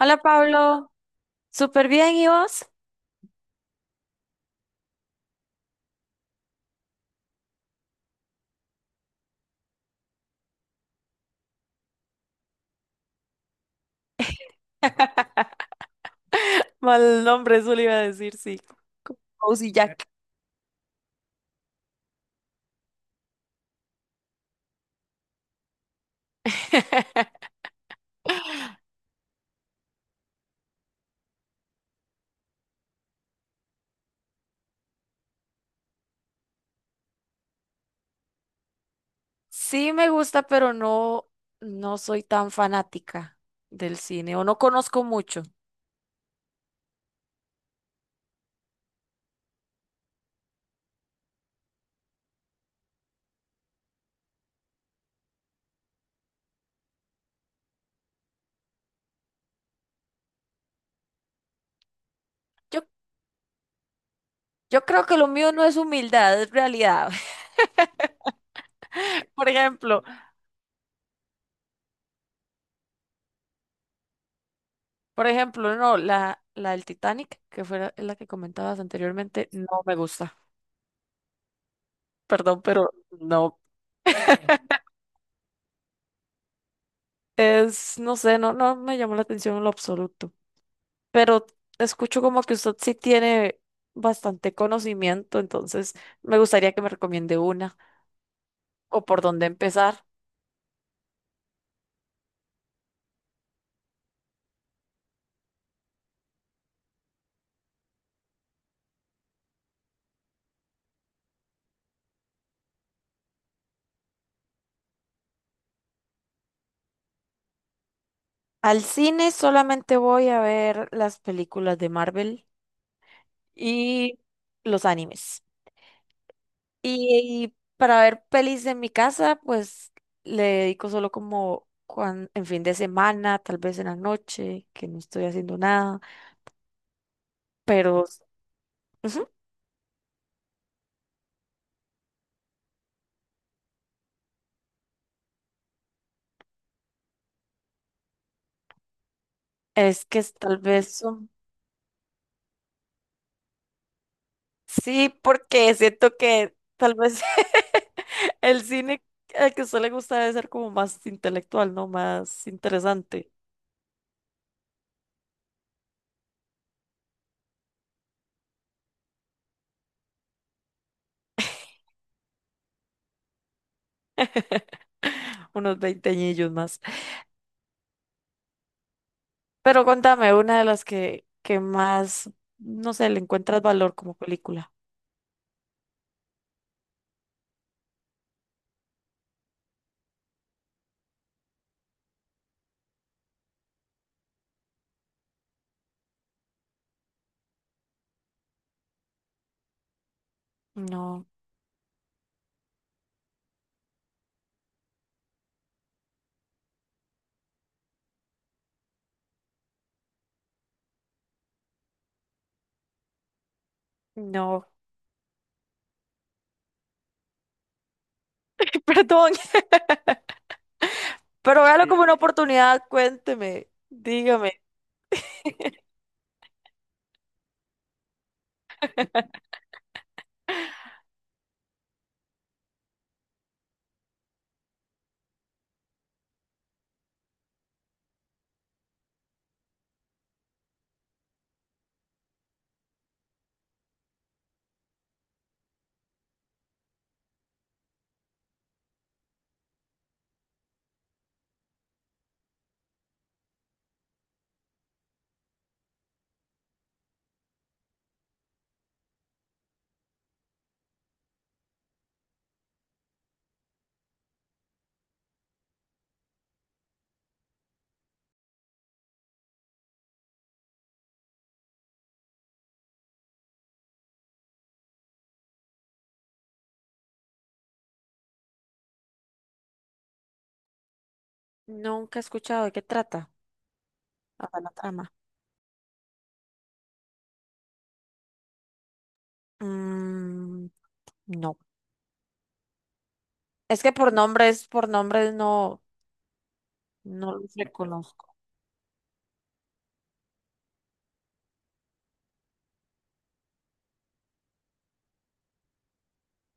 Hola Pablo, súper bien, ¿y vos? Mal nombre, eso le iba a decir, sí. Cozy Jack. Sí me gusta, pero no, no soy tan fanática del cine o no conozco mucho. Yo, yo creo que lo mío no es humildad, es realidad. Por ejemplo, no, la del Titanic, que fue la que comentabas anteriormente, no me gusta. Perdón, pero no. Es, no sé, no, no me llamó la atención en lo absoluto, pero escucho como que usted sí tiene bastante conocimiento, entonces me gustaría que me recomiende una o por dónde empezar. Al cine solamente voy a ver las películas de Marvel y los animes. Y para ver pelis en mi casa, pues le dedico solo como en fin de semana, tal vez en la noche, que no estoy haciendo nada, pero ujú, es que es tal vez... son. Sí, porque siento que tal vez el cine al que a usted le gusta debe ser como más intelectual, ¿no? Más interesante. Unos veinte veinteañillos más. Pero contame, una de las que más, no sé, le encuentras valor como película. No, no. Perdón. Pero véalo como una oportunidad, cuénteme, dígame. Nunca he escuchado de qué trata. Hasta la trama. Mm, no. Es que por nombres no, no los reconozco.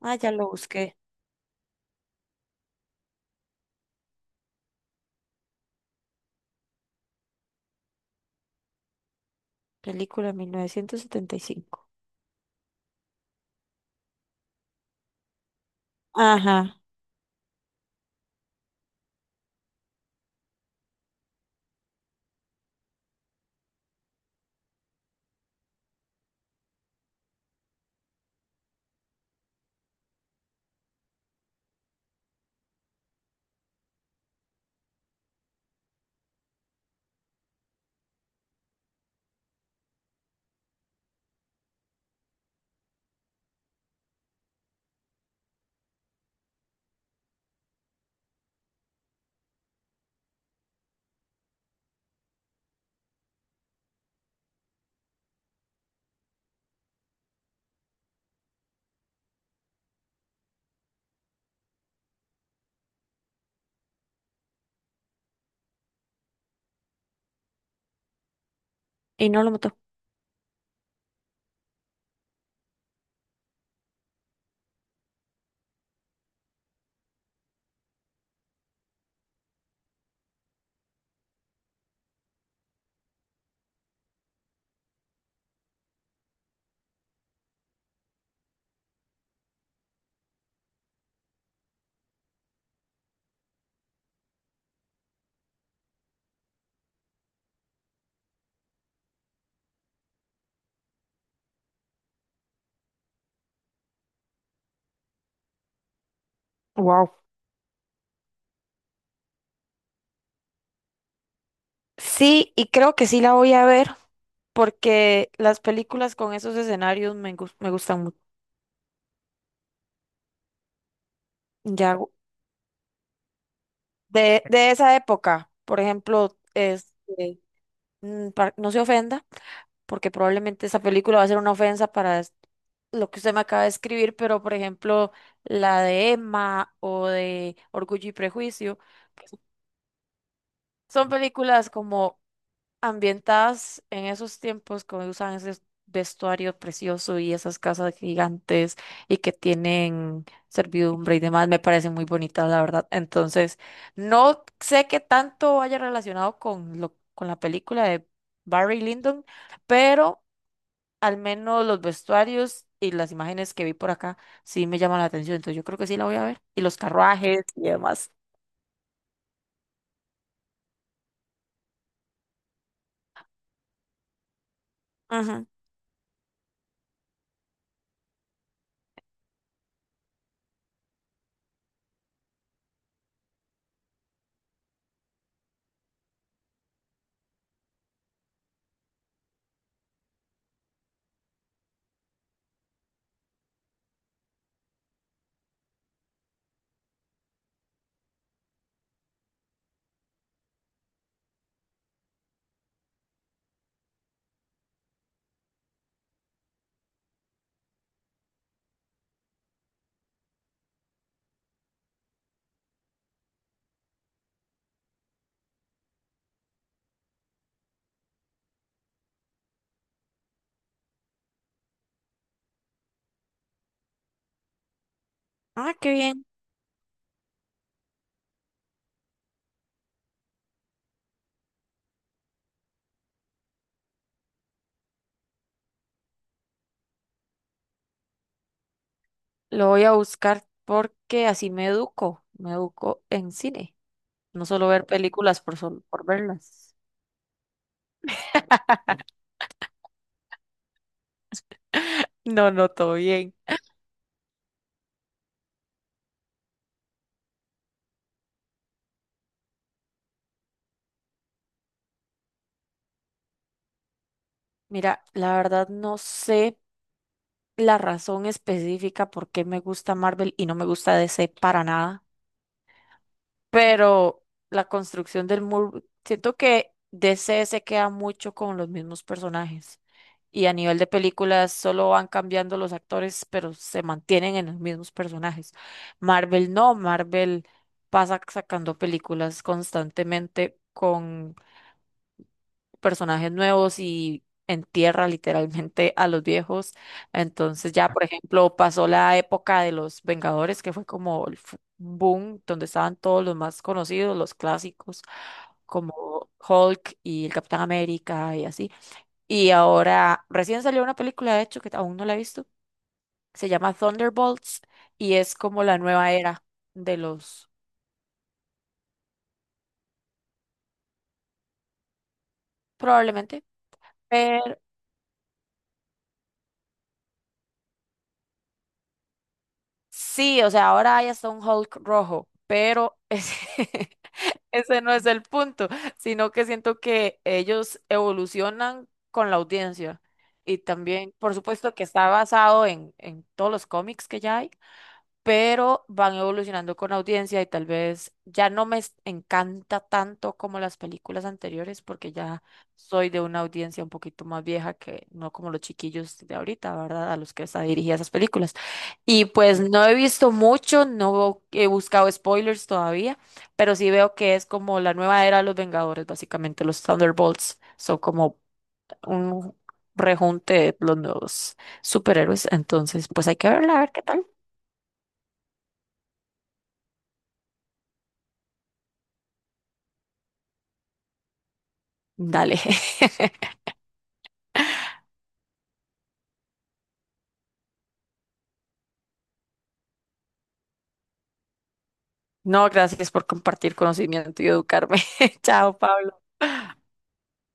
Ah, ya lo busqué. Película 1975. Ajá. Y no lo mató. Wow. Sí, y creo que sí la voy a ver, porque las películas con esos escenarios me gustan mucho. Ya, gu- de esa época, por ejemplo, este, mm, no se ofenda, porque probablemente esa película va a ser una ofensa para lo que usted me acaba de escribir, pero por ejemplo, la de Emma o de Orgullo y Prejuicio, pues son películas como ambientadas en esos tiempos, como usan ese vestuario precioso y esas casas gigantes y que tienen servidumbre y demás, me parecen muy bonitas, la verdad. Entonces, no sé qué tanto vaya relacionado con lo, con la película de Barry Lyndon, pero al menos los vestuarios y las imágenes que vi por acá sí me llaman la atención, entonces yo creo que sí la voy a ver. Y los carruajes y demás. Ajá. Ah, qué bien. Lo voy a buscar porque así me educo en cine, no solo ver películas por verlas. No, no, todo bien. Mira, la verdad no sé la razón específica por qué me gusta Marvel y no me gusta DC para nada, pero la construcción del muro, siento que DC se queda mucho con los mismos personajes y a nivel de películas solo van cambiando los actores, pero se mantienen en los mismos personajes. Marvel no, Marvel pasa sacando películas constantemente, con personajes nuevos y entierra literalmente a los viejos. Entonces ya, por ejemplo, pasó la época de los Vengadores, que fue como el boom, donde estaban todos los más conocidos, los clásicos, como Hulk y el Capitán América y así. Y ahora recién salió una película, de hecho, que aún no la he visto, se llama Thunderbolts y es como la nueva era de los, probablemente. Pero sí, o sea, ahora hay hasta un Hulk rojo, pero es- Ese no es el punto, sino que siento que ellos evolucionan con la audiencia. Y también, por supuesto, que está basado en todos los cómics que ya hay, pero van evolucionando con audiencia y tal vez ya no me encanta tanto como las películas anteriores, porque ya soy de una audiencia un poquito más vieja, que no como los chiquillos de ahorita, ¿verdad? A los que están dirigidas esas películas. Y pues no he visto mucho, no he buscado spoilers todavía, pero sí veo que es como la nueva era de los Vengadores, básicamente los Thunderbolts son como un rejunte de los nuevos superhéroes, entonces pues hay que verla, a ver qué tal. Dale. No, gracias por compartir conocimiento y educarme. Chao, Pablo.